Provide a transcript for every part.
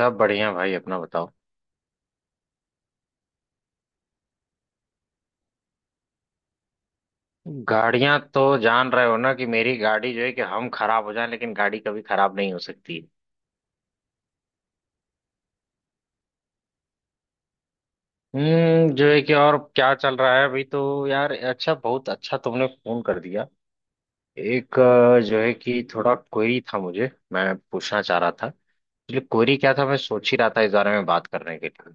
सब बढ़िया भाई, अपना बताओ। गाड़ियां तो जान रहे हो ना कि मेरी गाड़ी जो है कि हम खराब हो जाए लेकिन गाड़ी कभी खराब नहीं हो सकती। हम्म। जो है कि और क्या चल रहा है अभी? तो यार अच्छा, बहुत अच्छा तुमने फोन कर दिया। एक जो है कि थोड़ा क्वेरी था मुझे, मैं पूछना चाह रहा था। एक्चुअली क्वेरी क्या था, मैं सोच ही रहा था इस बारे में बात करने के लिए।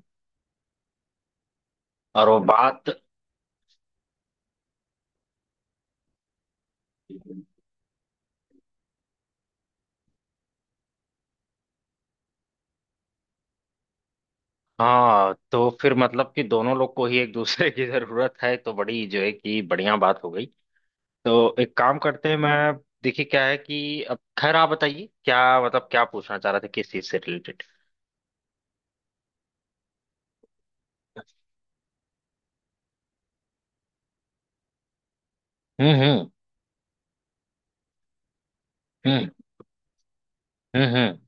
और वो बात। हाँ, तो फिर मतलब कि दोनों लोग को ही एक दूसरे की जरूरत है तो बड़ी जो है कि बढ़िया बात हो गई। तो एक काम करते हैं, मैं देखिए क्या है कि अब खैर, आप बताइए क्या मतलब क्या पूछना चाह रहे थे, किस चीज से रिलेटेड? हम्म। हम्म। हम्म। हम्म। हम्म।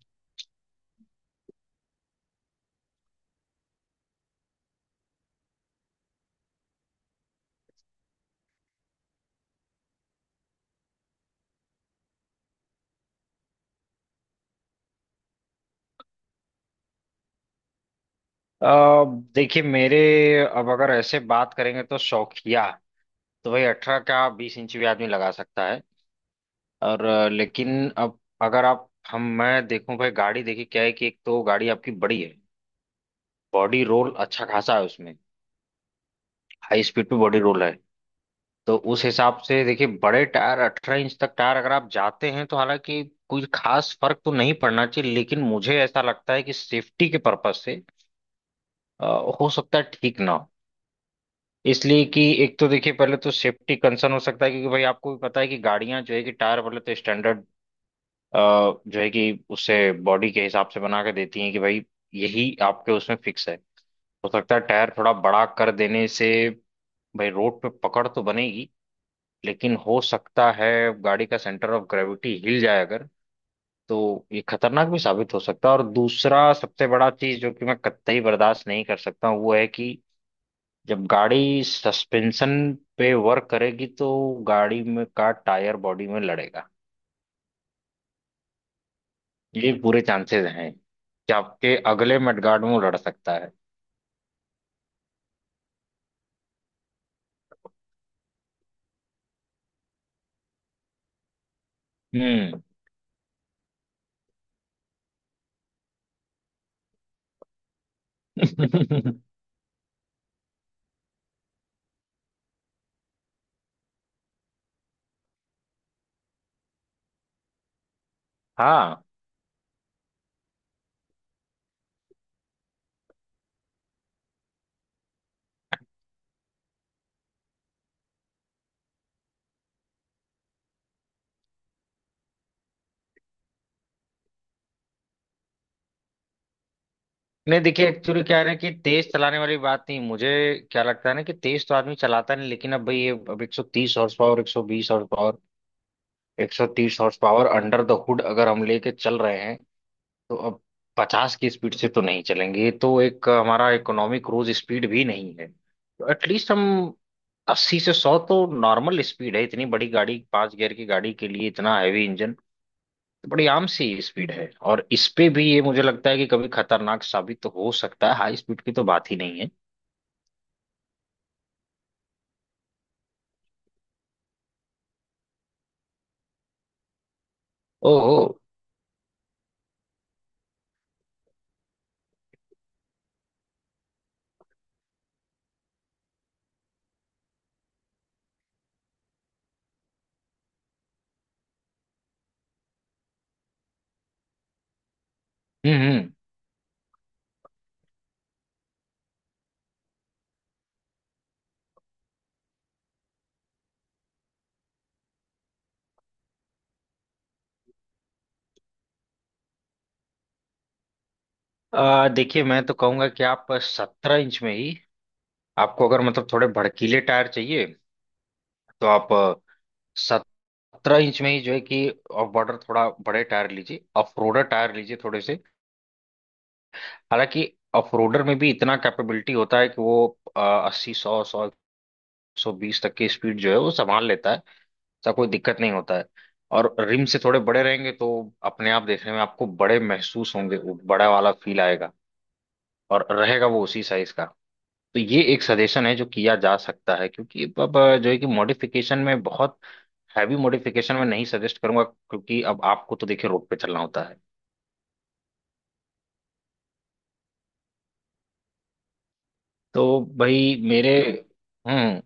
अ, देखिए मेरे, अब अगर ऐसे बात करेंगे तो शौकिया, तो भाई 18 का 20 इंच भी आदमी लगा सकता है। और लेकिन अब अगर आप हम मैं देखूं भाई गाड़ी, देखिए क्या है कि एक तो गाड़ी आपकी बड़ी है। बॉडी रोल अच्छा खासा है उसमें। हाई स्पीड पे बॉडी रोल है। तो उस हिसाब से देखिए, बड़े टायर 18 इंच तक टायर अगर आप जाते हैं तो हालांकि कुछ खास फर्क तो नहीं पड़ना चाहिए, लेकिन मुझे ऐसा लगता है कि सेफ्टी के पर्पज से अ, हो सकता है ठीक ना हो। इसलिए कि एक तो देखिए पहले तो सेफ्टी कंसर्न हो सकता है क्योंकि भाई आपको भी पता है कि गाड़ियां जो है कि टायर पहले तो स्टैंडर्ड जो है कि उससे बॉडी के हिसाब से बना के देती हैं कि भाई यही आपके उसमें फिक्स है। हो सकता है टायर थोड़ा बड़ा कर देने से भाई रोड पे पकड़ तो बनेगी, लेकिन हो सकता है गाड़ी का सेंटर ऑफ ग्रेविटी हिल जाए अगर, तो ये खतरनाक भी साबित हो सकता है। और दूसरा सबसे बड़ा चीज जो कि मैं कतई बर्दाश्त नहीं कर सकता हूं, वो है कि जब गाड़ी सस्पेंशन पे वर्क करेगी तो गाड़ी में का टायर बॉडी में लड़ेगा। ये पूरे चांसेस हैं कि आपके अगले मडगार्ड में वो लड़ सकता है। हम्म। हाँ। नहीं देखिए, एक्चुअली क्या है ना कि तेज चलाने वाली बात नहीं, मुझे क्या लगता है ना कि तेज तो आदमी चलाता नहीं, लेकिन अब भाई ये अब 130 horse power, 120 horse power, 130 horse power under the hood अगर हम लेके चल रहे हैं तो अब 50 की स्पीड से तो नहीं चलेंगे। ये तो एक हमारा इकोनॉमिक क्रूज स्पीड भी नहीं है, तो एटलीस्ट हम 80 से 100 तो नॉर्मल स्पीड है। इतनी बड़ी गाड़ी, 5 गियर की गाड़ी के लिए इतना हैवी इंजन, बड़ी आम सी स्पीड है। और इस पे भी ये मुझे लगता है कि कभी खतरनाक साबित तो हो सकता है, हाई स्पीड की तो बात ही नहीं है। ओहो। हम्म। हम्म। देखिए मैं तो कहूंगा कि आप 17 इंच में ही, आपको अगर मतलब थोड़े भड़कीले टायर चाहिए तो आप 17 इंच में ही जो है कि ऑफ बॉर्डर थोड़ा बड़े टायर लीजिए, ऑफ रोडर टायर लीजिए थोड़े से। हालांकि ऑफ रोडर में भी इतना कैपेबिलिटी होता है कि वो 80, 100, 101, 120 तक की स्पीड जो है वो संभाल लेता है। ऐसा कोई दिक्कत नहीं होता है। और रिम से थोड़े बड़े रहेंगे तो अपने आप देखने में आपको बड़े महसूस होंगे, वो बड़ा वाला फील आएगा और रहेगा वो उसी साइज का। तो ये एक सजेशन है जो किया जा सकता है, क्योंकि अब जो है कि मॉडिफिकेशन में बहुत हैवी मॉडिफिकेशन में नहीं सजेस्ट करूंगा क्योंकि अब आपको तो देखिए रोड पे चलना होता है। तो भाई मेरे। हम्म।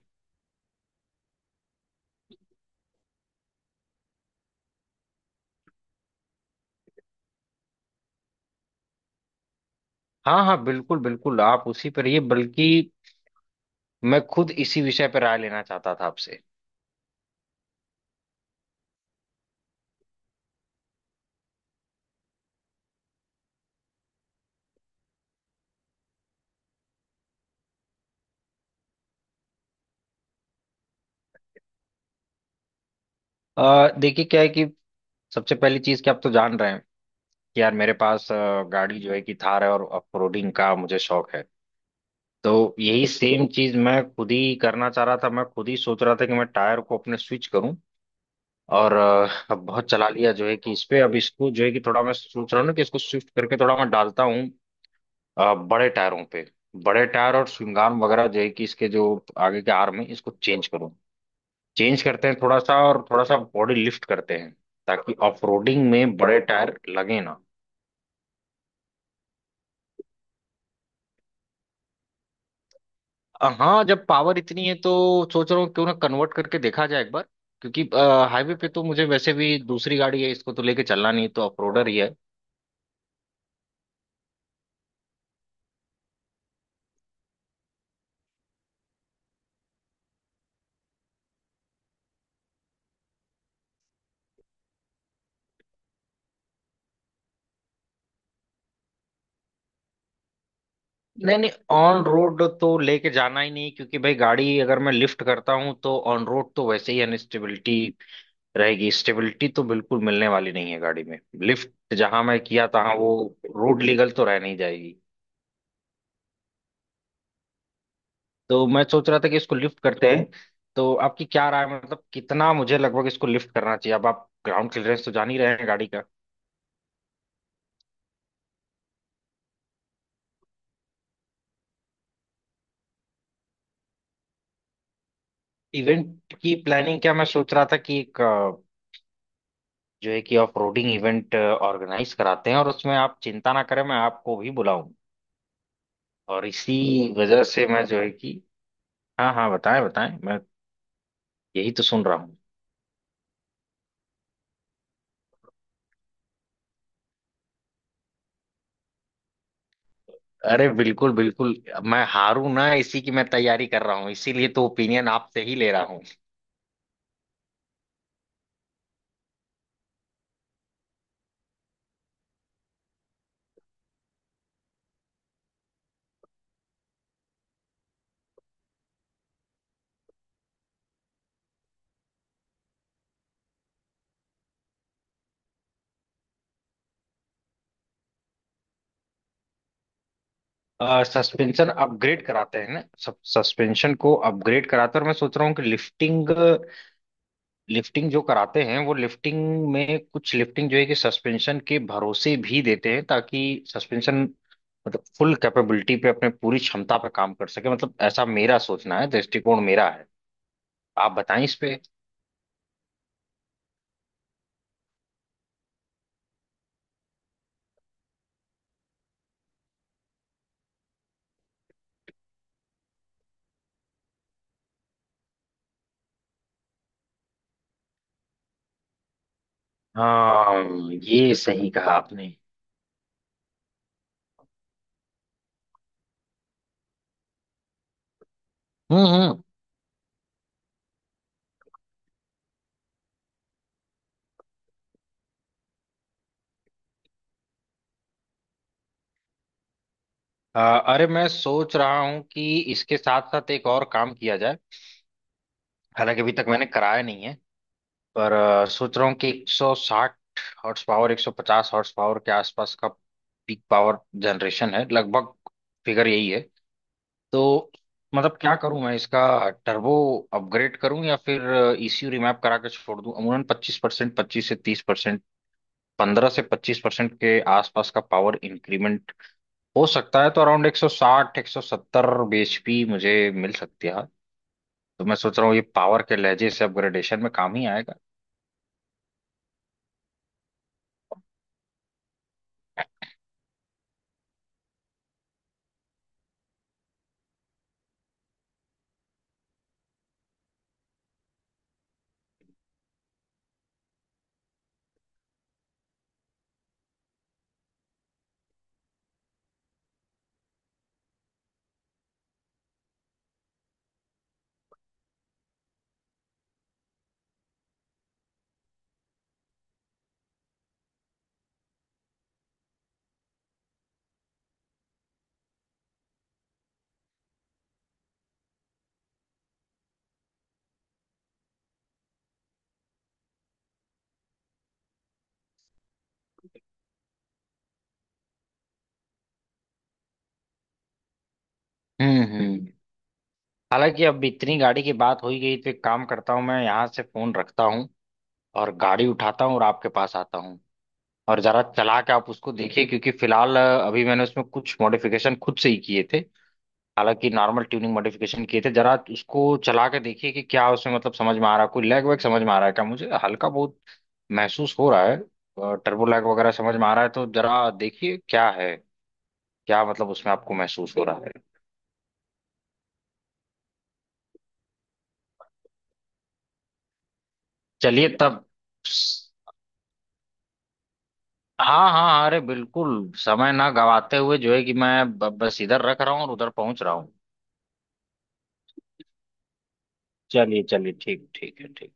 हाँ हाँ, बिल्कुल बिल्कुल, आप उसी पर रहिए। बल्कि मैं खुद इसी विषय पर राय लेना चाहता था आपसे। देखिए क्या है कि सबसे पहली चीज कि आप तो जान रहे हैं यार, मेरे पास गाड़ी जो है कि थार है और ऑफ रोडिंग का मुझे शौक है। तो यही सेम चीज मैं खुद ही करना चाह रहा था, मैं खुद ही सोच रहा था कि मैं टायर को अपने स्विच करूं। और अब बहुत चला लिया जो है कि इस पे, अब इसको जो है कि थोड़ा मैं सोच रहा हूँ ना कि इसको शिफ्ट करके थोड़ा मैं डालता हूँ बड़े टायरों पे। बड़े टायर और श्रृंगार वगैरह जो है कि इसके जो आगे के आर्म है इसको चेंज करूँ। चेंज करते हैं थोड़ा सा, और थोड़ा सा बॉडी लिफ्ट करते हैं ताकि ऑफ रोडिंग में बड़े टायर लगे ना। हाँ, जब पावर इतनी है तो सोच रहा हूँ क्यों ना कन्वर्ट करके देखा जाए एक बार, क्योंकि हाईवे पे तो मुझे वैसे भी दूसरी गाड़ी है, इसको तो लेके चलना नहीं, तो ऑफरोडर ही है। नहीं नहीं, ऑन रोड तो लेके जाना ही नहीं, क्योंकि भाई गाड़ी अगर मैं लिफ्ट करता हूँ तो ऑन रोड तो वैसे ही अनस्टेबिलिटी रहेगी, स्टेबिलिटी तो बिल्कुल मिलने वाली नहीं है गाड़ी में। लिफ्ट जहां मैं किया तहाँ वो रोड लीगल तो रह नहीं जाएगी। तो मैं सोच रहा था कि इसको लिफ्ट करते हैं। तो आपकी क्या राय है, मतलब कितना मुझे लगभग इसको लिफ्ट करना चाहिए? अब आप ग्राउंड क्लियरेंस तो जान ही रहे हैं गाड़ी का। इवेंट की प्लानिंग क्या, मैं सोच रहा था कि एक जो है कि ऑफ रोडिंग इवेंट ऑर्गेनाइज कराते हैं और उसमें आप चिंता ना करें, मैं आपको भी बुलाऊं। और इसी वजह से मैं जो है कि हाँ हाँ, बताएं बताएं, मैं यही तो सुन रहा हूँ। अरे बिल्कुल बिल्कुल, मैं हारू ना, इसी की मैं तैयारी कर रहा हूँ, इसीलिए तो ओपिनियन आपसे ही ले रहा। सस्पेंशन अपग्रेड कराते हैं ना, सब सस्पेंशन को अपग्रेड कराते हैं। और मैं सोच रहा हूँ कि लिफ्टिंग, लिफ्टिंग जो कराते हैं वो लिफ्टिंग में कुछ लिफ्टिंग जो है कि सस्पेंशन के भरोसे भी देते हैं ताकि सस्पेंशन मतलब फुल कैपेबिलिटी पे अपने पूरी क्षमता पे काम कर सके, मतलब ऐसा मेरा सोचना है, दृष्टिकोण मेरा है। आप बताएं इस पे। हाँ, ये सही कहा आपने। हम्म। अ, अरे मैं सोच रहा हूँ कि इसके साथ साथ एक और काम किया जाए। हालांकि अभी तक मैंने कराया नहीं है, पर सोच रहा हूँ कि 160 हॉर्स पावर, 150 हॉर्स पावर के आसपास का पीक पावर जनरेशन है लगभग, फिगर यही है तो। मतलब क्या करूं मैं इसका? टर्बो अपग्रेड करूं, या फिर ईसीयू रिमैप करा के छोड़ दूं? अमूमन 25%, 25% से 30%, 15% से 25% के आसपास का पावर इंक्रीमेंट हो सकता है तो अराउंड 160 170 bhp मुझे मिल सकती है। तो मैं सोच रहा हूँ ये पावर के लहजे से अपग्रेडेशन में काम ही आएगा। हम्म। हालांकि अब इतनी गाड़ी की बात हो ही गई तो एक काम करता हूँ, मैं यहाँ से फोन रखता हूँ और गाड़ी उठाता हूँ और आपके पास आता हूँ। और जरा चला के आप उसको देखिए, क्योंकि फिलहाल अभी मैंने उसमें कुछ मॉडिफिकेशन खुद से ही किए थे। हालांकि नॉर्मल ट्यूनिंग मॉडिफिकेशन किए थे, जरा उसको चला के देखिए कि क्या उसमें मतलब समझ में आ रहा है, कोई लैग वैग समझ में आ रहा है क्या मुझे, हल्का बहुत महसूस हो रहा है, टर्बो लैग वगैरह समझ में आ रहा है तो जरा देखिए क्या है, क्या मतलब उसमें आपको महसूस हो रहा है। चलिए तब। हाँ हाँ, अरे बिल्कुल, समय ना गवाते हुए जो है कि मैं बस इधर रख रहा हूँ और उधर पहुंच रहा हूँ। चलिए चलिए, ठीक ठीक है ठीक।